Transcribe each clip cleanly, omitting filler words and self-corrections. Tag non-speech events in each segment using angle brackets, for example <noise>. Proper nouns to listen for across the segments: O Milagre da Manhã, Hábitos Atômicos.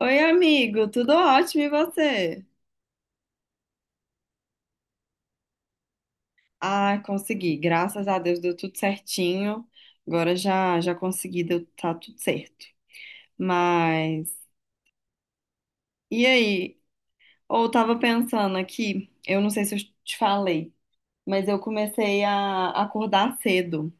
Oi, amigo, tudo ótimo e você? Ah, consegui, graças a Deus deu tudo certinho. Agora já já consegui, deu tá tudo certo. Mas e aí? Ou eu tava pensando aqui, eu não sei se eu te falei, mas eu comecei a acordar cedo.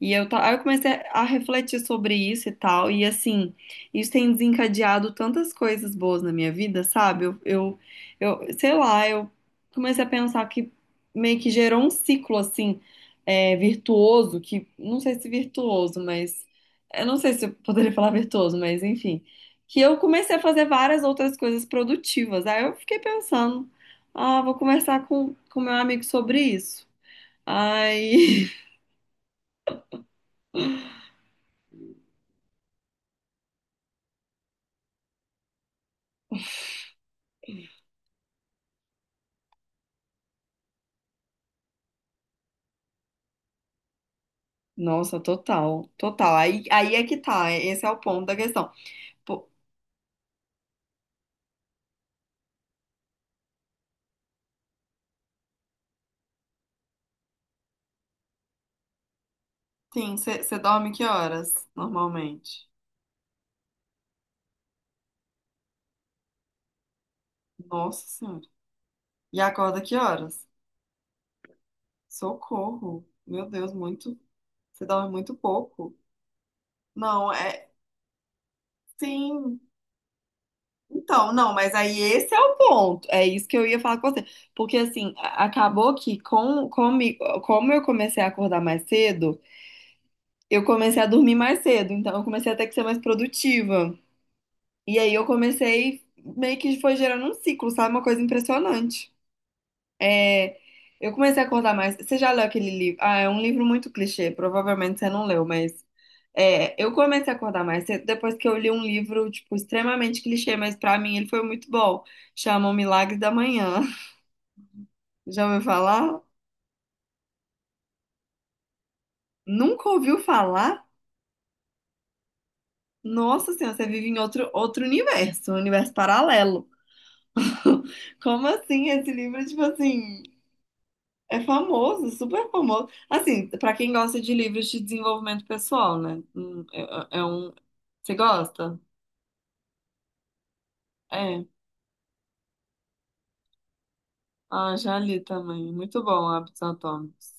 Aí eu comecei a refletir sobre isso e tal, e assim, isso tem desencadeado tantas coisas boas na minha vida, sabe? Sei lá, eu comecei a pensar que meio que gerou um ciclo, assim, virtuoso, que não sei se virtuoso, mas eu não sei se eu poderia falar virtuoso, mas enfim, que eu comecei a fazer várias outras coisas produtivas. Aí eu fiquei pensando, ah, vou conversar com meu amigo sobre isso. Ai. <laughs> Nossa, total, total. Aí é que tá, esse é o ponto da questão. Pô, sim, você dorme que horas, normalmente? Nossa Senhora. E acorda que horas? Socorro. Meu Deus, muito. Você dorme muito pouco. Não, é. Sim. Então, não, mas aí esse é o ponto. É isso que eu ia falar com você. Porque, assim, acabou que comigo, como eu comecei a acordar mais cedo, eu comecei a dormir mais cedo. Então, eu comecei a ter que ser mais produtiva. E aí eu comecei, meio que foi gerando um ciclo, sabe? Uma coisa impressionante. É, Eu comecei a acordar mais. Você já leu aquele livro? Ah, é um livro muito clichê, provavelmente você não leu, mas eu comecei a acordar mais cedo depois que eu li um livro, tipo, extremamente clichê, mas pra mim ele foi muito bom. Chama O Milagre da Manhã. <laughs> Já ouviu falar? Nunca ouviu falar? Nossa Senhora, você vive em outro universo, um universo paralelo. <laughs> Como assim esse livro, tipo assim? É famoso, super famoso. Assim, pra quem gosta de livros de desenvolvimento pessoal, né? É, é um. Você gosta? É. Ah, já li também. Muito bom, Hábitos Atômicos.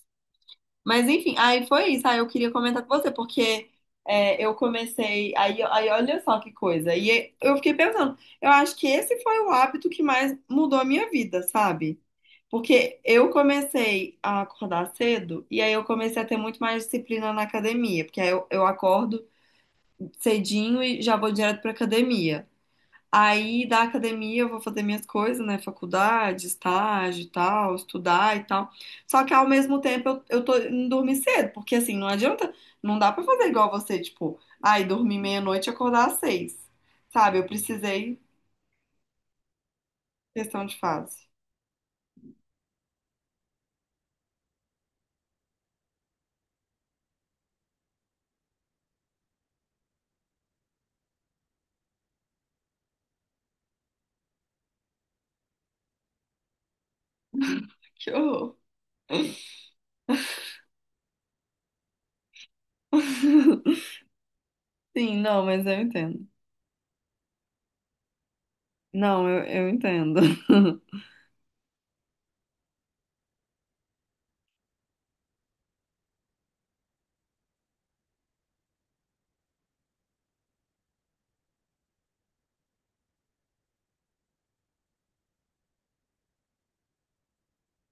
Mas enfim, aí foi isso. Aí eu queria comentar com você, porque é, eu comecei. Aí olha só que coisa. E é, eu fiquei pensando, eu acho que esse foi o hábito que mais mudou a minha vida, sabe? Porque eu comecei a acordar cedo e aí eu comecei a ter muito mais disciplina na academia, porque aí eu acordo cedinho e já vou direto pra academia. Aí da academia eu vou fazer minhas coisas, né? Faculdade, estágio e tal, estudar e tal. Só que ao mesmo tempo eu tô indo dormir cedo, porque assim, não adianta, não dá pra fazer igual você, tipo, ai, dormir meia-noite e acordar às 6. Sabe? Eu precisei, questão de fase. Que horror. <laughs> Sim, não, mas eu entendo. Não, eu entendo. <laughs>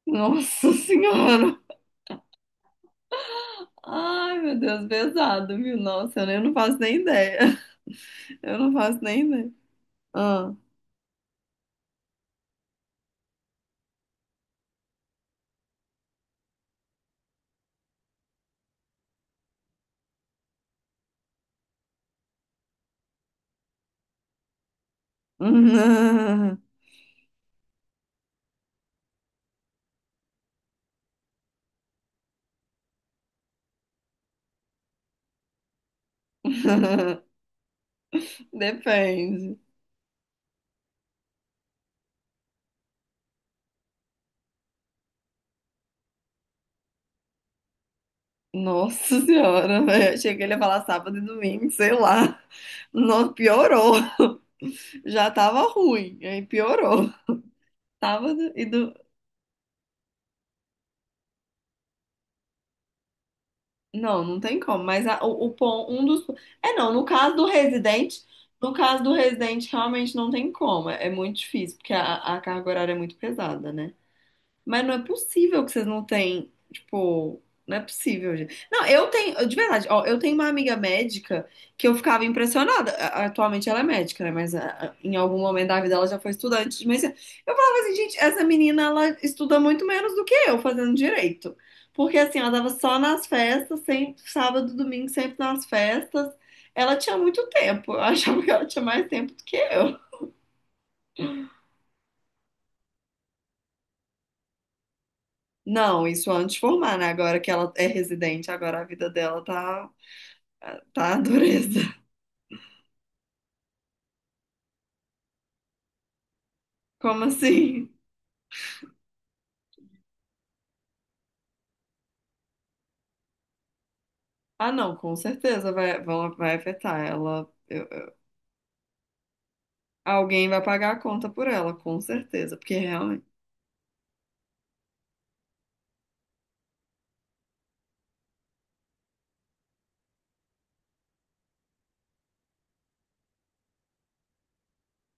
Nossa senhora. Ai, meu Deus, pesado, viu? Nossa, eu não faço nem ideia. Eu não faço nem ideia. Ah. <laughs> Depende. Nossa senhora, velho. Achei que ele ia falar sábado e domingo, sei lá. Nossa, piorou. Já tava ruim, aí piorou. Sábado e do. Não, não tem como. Mas um dos. É, não, no caso do residente, no caso do residente, realmente não tem como. É muito difícil, porque a carga horária é muito pesada, né? Mas não é possível que vocês não têm, tipo, não é possível, gente. Não, eu tenho, de verdade, ó, eu tenho uma amiga médica que eu ficava impressionada. Atualmente ela é médica, né? Mas em algum momento da vida ela já foi estudante de medicina. Eu falava assim, gente, essa menina, ela estuda muito menos do que eu fazendo direito. Porque assim, ela tava só nas festas, sempre, sábado, domingo, sempre nas festas. Ela tinha muito tempo. Eu <laughs> achava que ela tinha mais tempo do que eu. Não, isso antes de formar, né? Agora que ela é residente, agora a vida dela tá. Tá, dureza. Como assim? Ah, não, com certeza vai afetar ela. Alguém vai pagar a conta por ela, com certeza, porque realmente.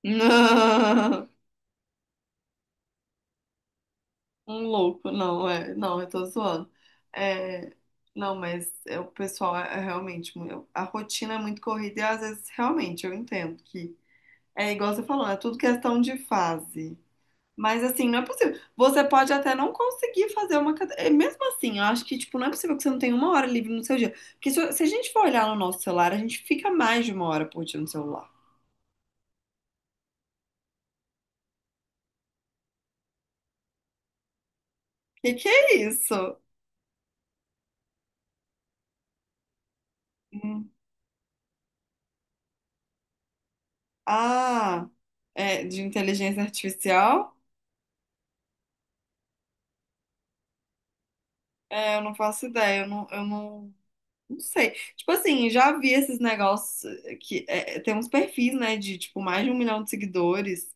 <laughs> Não, um louco, não, é, não, eu tô zoando. É, não, mas é, o pessoal é, é realmente. A rotina é muito corrida e às vezes realmente eu entendo que. É igual você falou, é tudo questão de fase. Mas assim, não é possível. Você pode até não conseguir fazer uma cadeira. Mesmo assim, eu acho que, tipo, não é possível que você não tenha uma hora livre no seu dia. Porque se a gente for olhar no nosso celular, a gente fica mais de uma hora por dia no celular. Que é isso? Hum. Ah, é de inteligência artificial? É, eu não faço ideia, eu não, não sei. Tipo assim, já vi esses negócios que tem uns perfis, né, de tipo mais de 1 milhão de seguidores,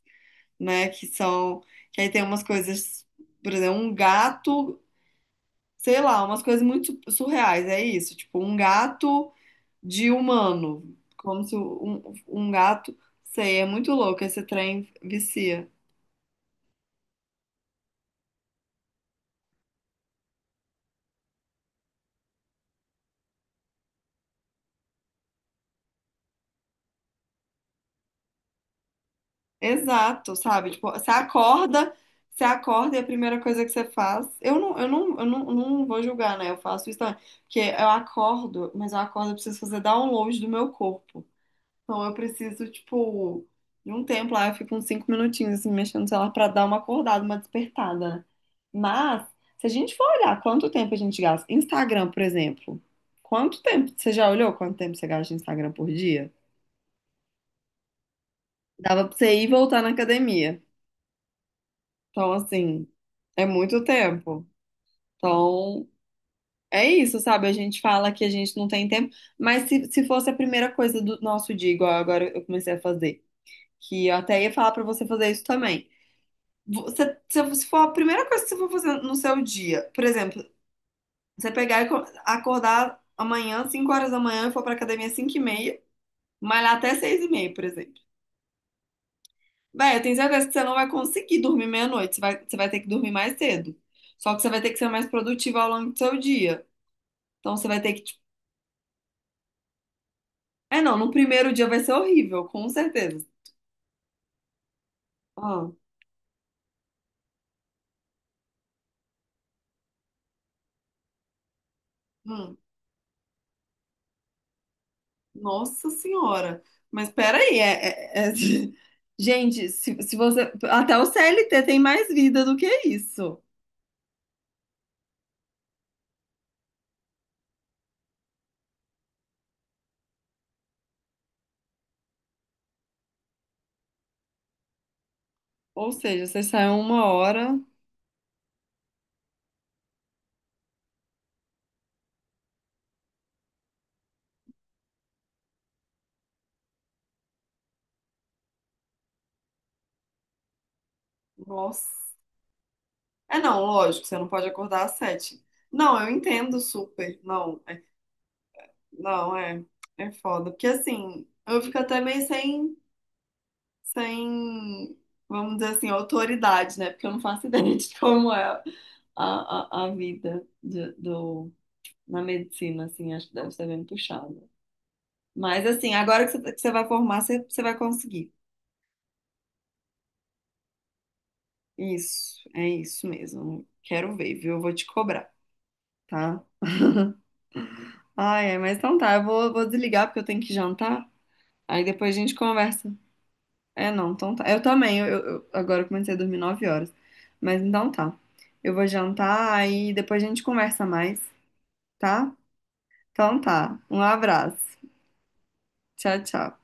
né, que são, que aí tem umas coisas, por exemplo, um gato, sei lá, umas coisas surreais, é isso, tipo, um gato de humano, como se um gato, sei, é muito louco, esse trem vicia. Exato, sabe? Tipo, você acorda e a primeira coisa que você faz, eu não, eu não, eu não, não vou julgar, né? Eu faço isso também, porque eu acordo, mas eu acordo, eu preciso fazer download do meu corpo. Então eu preciso, tipo, de um tempo lá, eu fico uns 5 minutinhos assim, mexendo no celular pra dar uma acordada, uma despertada, né? Mas, se a gente for olhar quanto tempo a gente gasta, Instagram, por exemplo, quanto tempo? Você já olhou quanto tempo você gasta no Instagram por dia? Dava pra você ir e voltar na academia. Então, assim, é muito tempo. Então, é isso, sabe? A gente fala que a gente não tem tempo, mas se fosse a primeira coisa do nosso dia, igual agora eu comecei a fazer, que eu até ia falar pra você fazer isso também. Você, se for a primeira coisa que você for fazer no seu dia, por exemplo, você pegar e acordar amanhã, 5 horas da manhã, e for pra academia 5h30, malhar até 6h30, por exemplo. Véi, eu tenho certeza que você não vai conseguir dormir meia-noite, você vai ter que dormir mais cedo. Só que você vai ter que ser mais produtiva ao longo do seu dia. Então você vai ter que, tipo. É, não, no primeiro dia vai ser horrível, com certeza. Ah, hum. Nossa Senhora. Mas peraí, <laughs> gente, se você. Até o CLT tem mais vida do que isso. Ou seja, você sai uma hora. Nossa. É não, lógico, você não pode acordar às sete. Não, eu entendo super. Não, é, não, é, é foda. Porque assim, eu fico até meio sem, vamos dizer assim, autoridade, né? Porque eu não faço <laughs> ideia de como é a vida do, na medicina, assim, acho que deve ser bem puxado. Mas, assim, agora que você tá, que você vai formar, você vai conseguir. Isso, é isso mesmo. Quero ver, viu? Eu vou te cobrar, tá? Ai, é, mas então tá, vou desligar porque eu tenho que jantar. Aí depois a gente conversa. É, não, então tá. Eu também, agora eu comecei a dormir 9 horas. Mas então tá. Eu vou jantar, aí depois a gente conversa mais, tá? Então tá. Um abraço. Tchau, tchau.